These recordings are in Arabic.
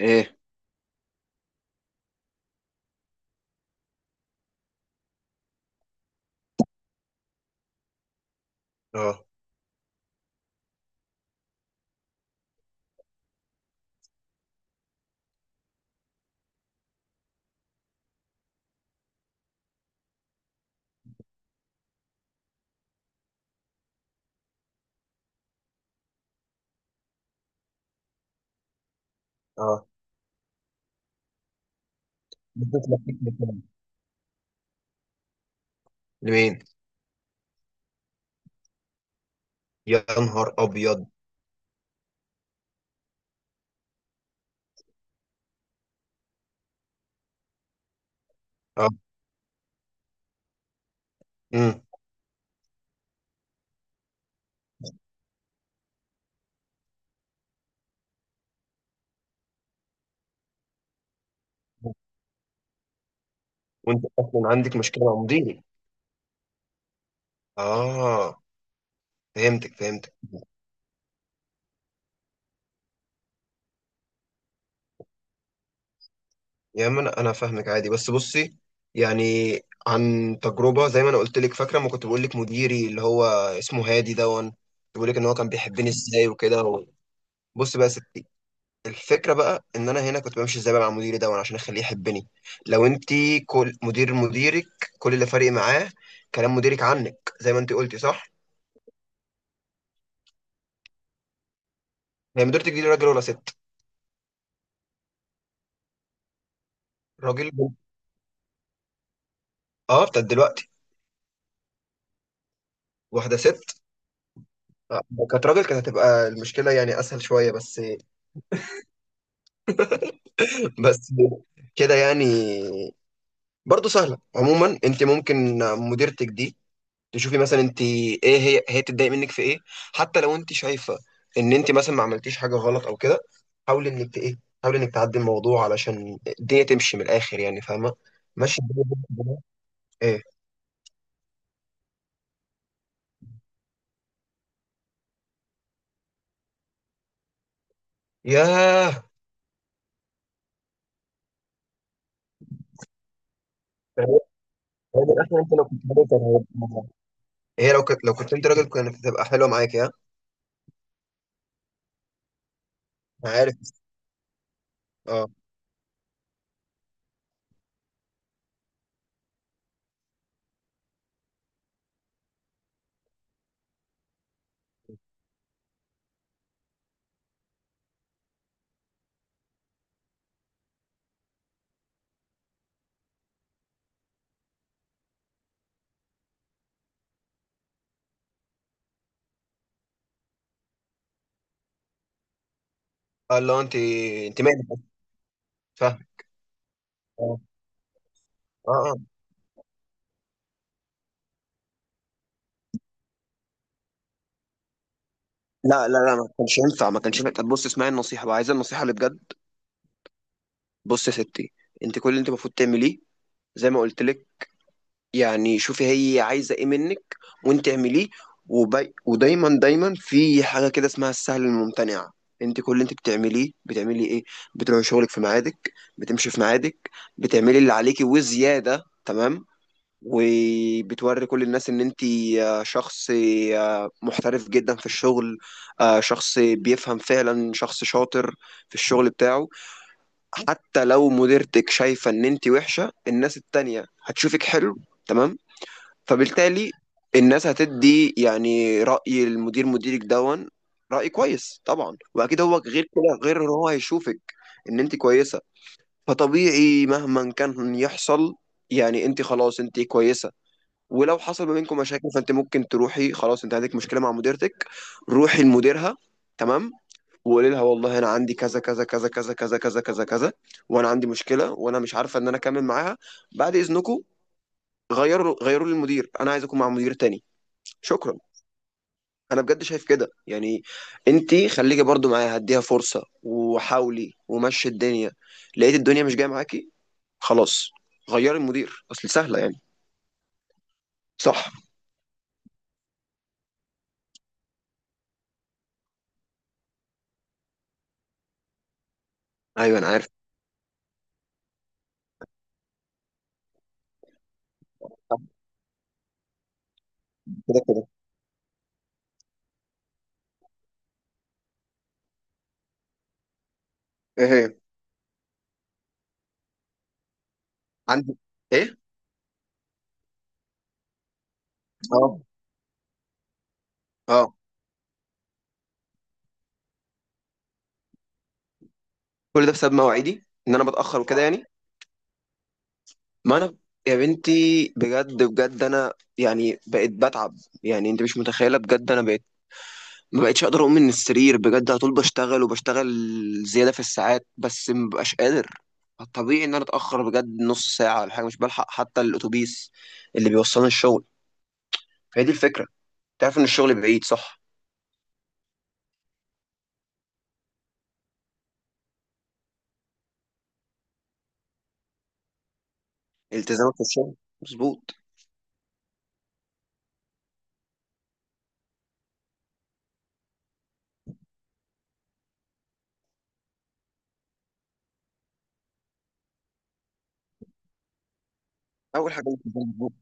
ايه؟ اه، بديت لفيت مكان. لمين؟ يا نهار ابيض! اه. امم. وانت اصلا عندك مشكله مع مديري. اه. فهمتك. يا ما انا فاهمك عادي، بس بصي. يعني عن تجربه، زي ما انا قلت لك، فاكره ما كنت بقول لك مديري اللي هو اسمه هادي دون؟ بقول لك ان هو كان بيحبني ازاي وكده. بص بقى يا ستي، الفكره بقى ان انا هنا كنت بمشي ازاي بقى مع مديري ده، وانا عشان اخليه يحبني. لو انت كل مدير مديرك، كل اللي فارق معاه كلام مديرك عنك، زي ما انت قلتي صح. هي مديرتك دي راجل ولا ست؟ راجل؟ اه، بتاعت دلوقتي؟ واحده ست؟ آه، كانت راجل كانت هتبقى المشكله يعني اسهل شويه، بس. بس كده يعني. برضه سهله عموما. انت ممكن مديرتك دي تشوفي مثلا انت ايه، هي بتتضايق منك في ايه، حتى لو انت شايفه ان انت مثلا ما عملتيش حاجه غلط او كده. حاولي انك ت- ايه حاولي انك تعدي الموضوع علشان الدنيا تمشي من الاخر، يعني فاهمه؟ ماشي الدنيا بالراحة. ايه؟ ياه! يعني يعني من الاخر، انت لو كنت راجل كان هيبقى- هي لو كنت انت راجل، كانت هتبقى حلوه معاك يا... أنا عارف. اه. اه اللي هو انت. انت مالك أصلاً؟ فاهم. اه. اه. آه. لا لا لا، ما كانش ينفع، ما كانش ينفع. طب بص، اسمعي النصيحه بقى، عايزه النصيحه اللي بجد؟ بص يا ستي، انت كل اللي انت المفروض تعمليه، زي ما قلت لك، يعني شوفي، هي عايزة ايه منك وانت اعمليه. ودايما دايما في حاجة كده اسمها السهل الممتنع. انت كل اللي انت بتعمليه بتعملي ايه؟ بتروحي شغلك في ميعادك، بتمشي في ميعادك، بتعملي اللي عليكي وزيادة، تمام. وبتوري كل الناس ان انت شخص، محترف جدا في الشغل، شخص بيفهم فعلا، شخص شاطر في الشغل بتاعه. حتى لو مديرتك شايفة ان انت وحشة، الناس التانية هتشوفك حلو، تمام. فبالتالي الناس هتدي يعني رأي المدير مديرك دون. رأي كويس طبعا، واكيد هو غير كده، غير ان هو هيشوفك ان انت كويسة. فطبيعي مهما كان يحصل، يعني انت خلاص انت كويسة. ولو حصل ما بينكم مشاكل، فانت ممكن تروحي، خلاص انت عندك مشكلة مع مديرتك، روحي لمديرها، تمام. وقولي لها والله انا عندي كذا كذا كذا كذا كذا كذا كذا كذا، وانا عندي مشكله وانا مش عارفه ان انا اكمل معاها، بعد اذنكم غيروا لي المدير، انا عايز اكون مع مدير تاني. شكرا. انا بجد شايف كده يعني. انت خليكي برضو معايا، هديها فرصه وحاولي ومشي الدنيا، لقيت الدنيا مش جايه معاكي، خلاص غيري المدير، اصل سهله يعني، صح. ايوه انا عارف. كده كده. ايه هي؟ عندي. ايه؟ اه. اه. كل ده بسبب مواعيدي، ان انا بتاخر وكده يعني. ما انا يا بنتي بجد بجد انا يعني بقيت بتعب، يعني انت مش متخيله بجد، انا بقيت ما بقتش اقدر اقوم من السرير بجد، على طول بشتغل وبشتغل زياده في الساعات، بس ما ببقاش قادر. طبيعي ان انا اتاخر بجد نص ساعه ولا حاجه، مش بلحق حتى الاتوبيس اللي بيوصلني الشغل. فهي دي الفكره، تعرف ان الشغل بعيد صح؟ التزامك في الشغل مظبوط. اول حاجه الالتزام، مظبوط.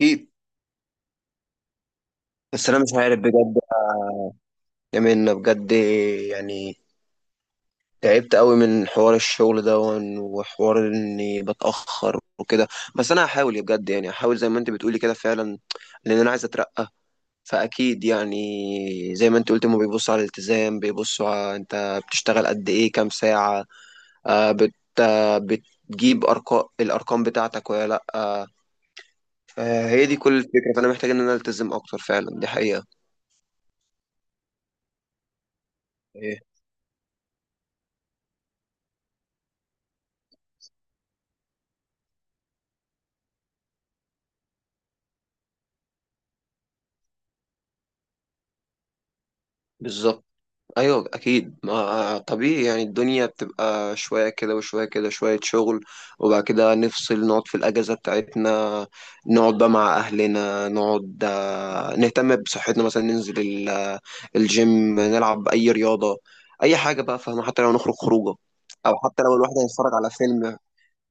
اكيد. بس انا مش عارف بجد يا منى، بجد، يعني تعبت قوي من حوار الشغل ده، وحوار اني بتأخر وكده. بس انا هحاول يا، بجد يعني هحاول زي ما انت بتقولي كده فعلا، لان انا عايز اترقى. فاكيد يعني زي ما انت قلت، ما بيبصوا على الالتزام، بيبصوا على انت بتشتغل قد ايه، كام ساعة. آه بت آه بتجيب ارقام، الارقام بتاعتك ولا لا. فهي دي كل الفكرة، فانا محتاج ان انا التزم اكتر فعلا، دي حقيقة. إيه، بالظبط. ايوه اكيد، ما طبيعي يعني، الدنيا بتبقى شويه كده وشويه كده، شويه شغل، وبعد كده نفصل، نقعد في الاجازه بتاعتنا، نقعد بقى مع اهلنا، نقعد نهتم بصحتنا مثلا، ننزل الجيم، نلعب اي رياضه، اي حاجه بقى، فاهمه؟ حتى لو نخرج خروجه، او حتى لو الواحد هيتفرج على فيلم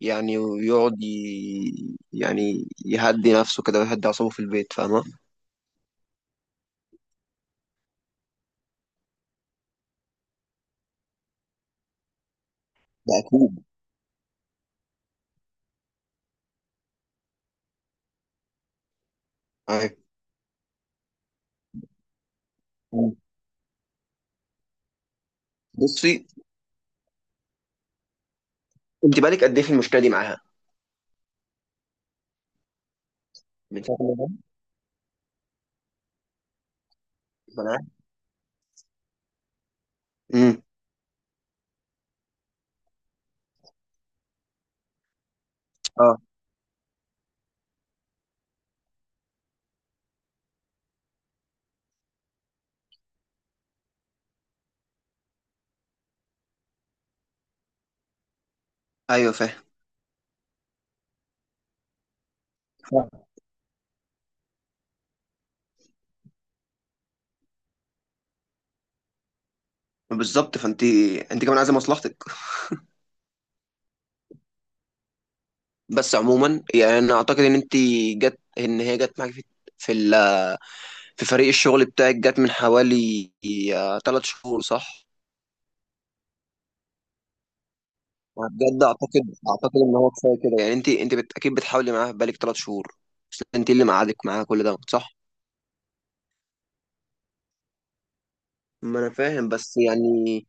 يعني، ويقعد يعني يهدي نفسه كده، ويهدي اعصابه في البيت، فاهمه؟ ده اكيد. أيوة. بصي، انت بقالك قد ايه في المشكله دي معاها؟ من شغل ده. ما انا عارف. امم. اه. ايوه فاهم. فاهم. بالظبط. فانت، انت كمان عايزه مصلحتك. بس عموما يعني انا اعتقد ان انت جت ان هي جت معاك في, ال... في فريق الشغل بتاعك، جت من حوالي 3 شهور صح؟ بجد اعتقد ان هو كفايه كده، يعني اكيد بتحاولي معاها بقالك 3 شهور، بس انت اللي مقعدك معاها كل ده صح؟ ما انا فاهم بس يعني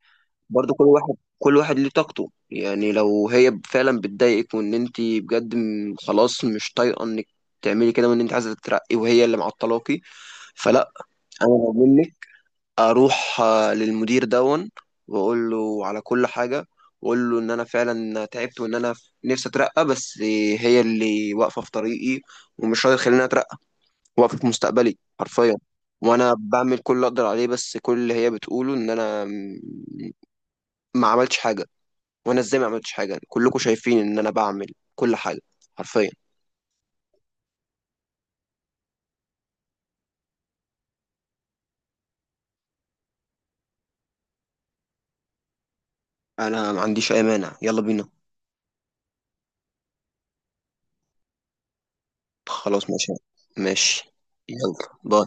برضو كل واحد، كل واحد ليه طاقته. يعني لو هي فعلا بتضايقك وان انت بجد خلاص مش طايقه انك تعملي كده، وان انت عايزه تترقي وهي اللي معطلاكي، فلا. انا لو منك اروح للمدير دون، واقول له على كل حاجه، واقول له ان انا فعلا تعبت وان انا نفسي اترقى، بس هي اللي واقفه في طريقي ومش راضيه تخليني اترقى، واقفه في مستقبلي حرفيا. وانا بعمل كل اللي اقدر عليه، بس كل اللي هي بتقوله ان انا ما عملتش حاجه. وانا ازاي ما عملتش حاجه؟ كلكم شايفين ان انا بعمل كل حاجه، حرفيا. انا ما عنديش اي مانع، يلا بينا. خلاص ماشي. ماشي. يلا. باي.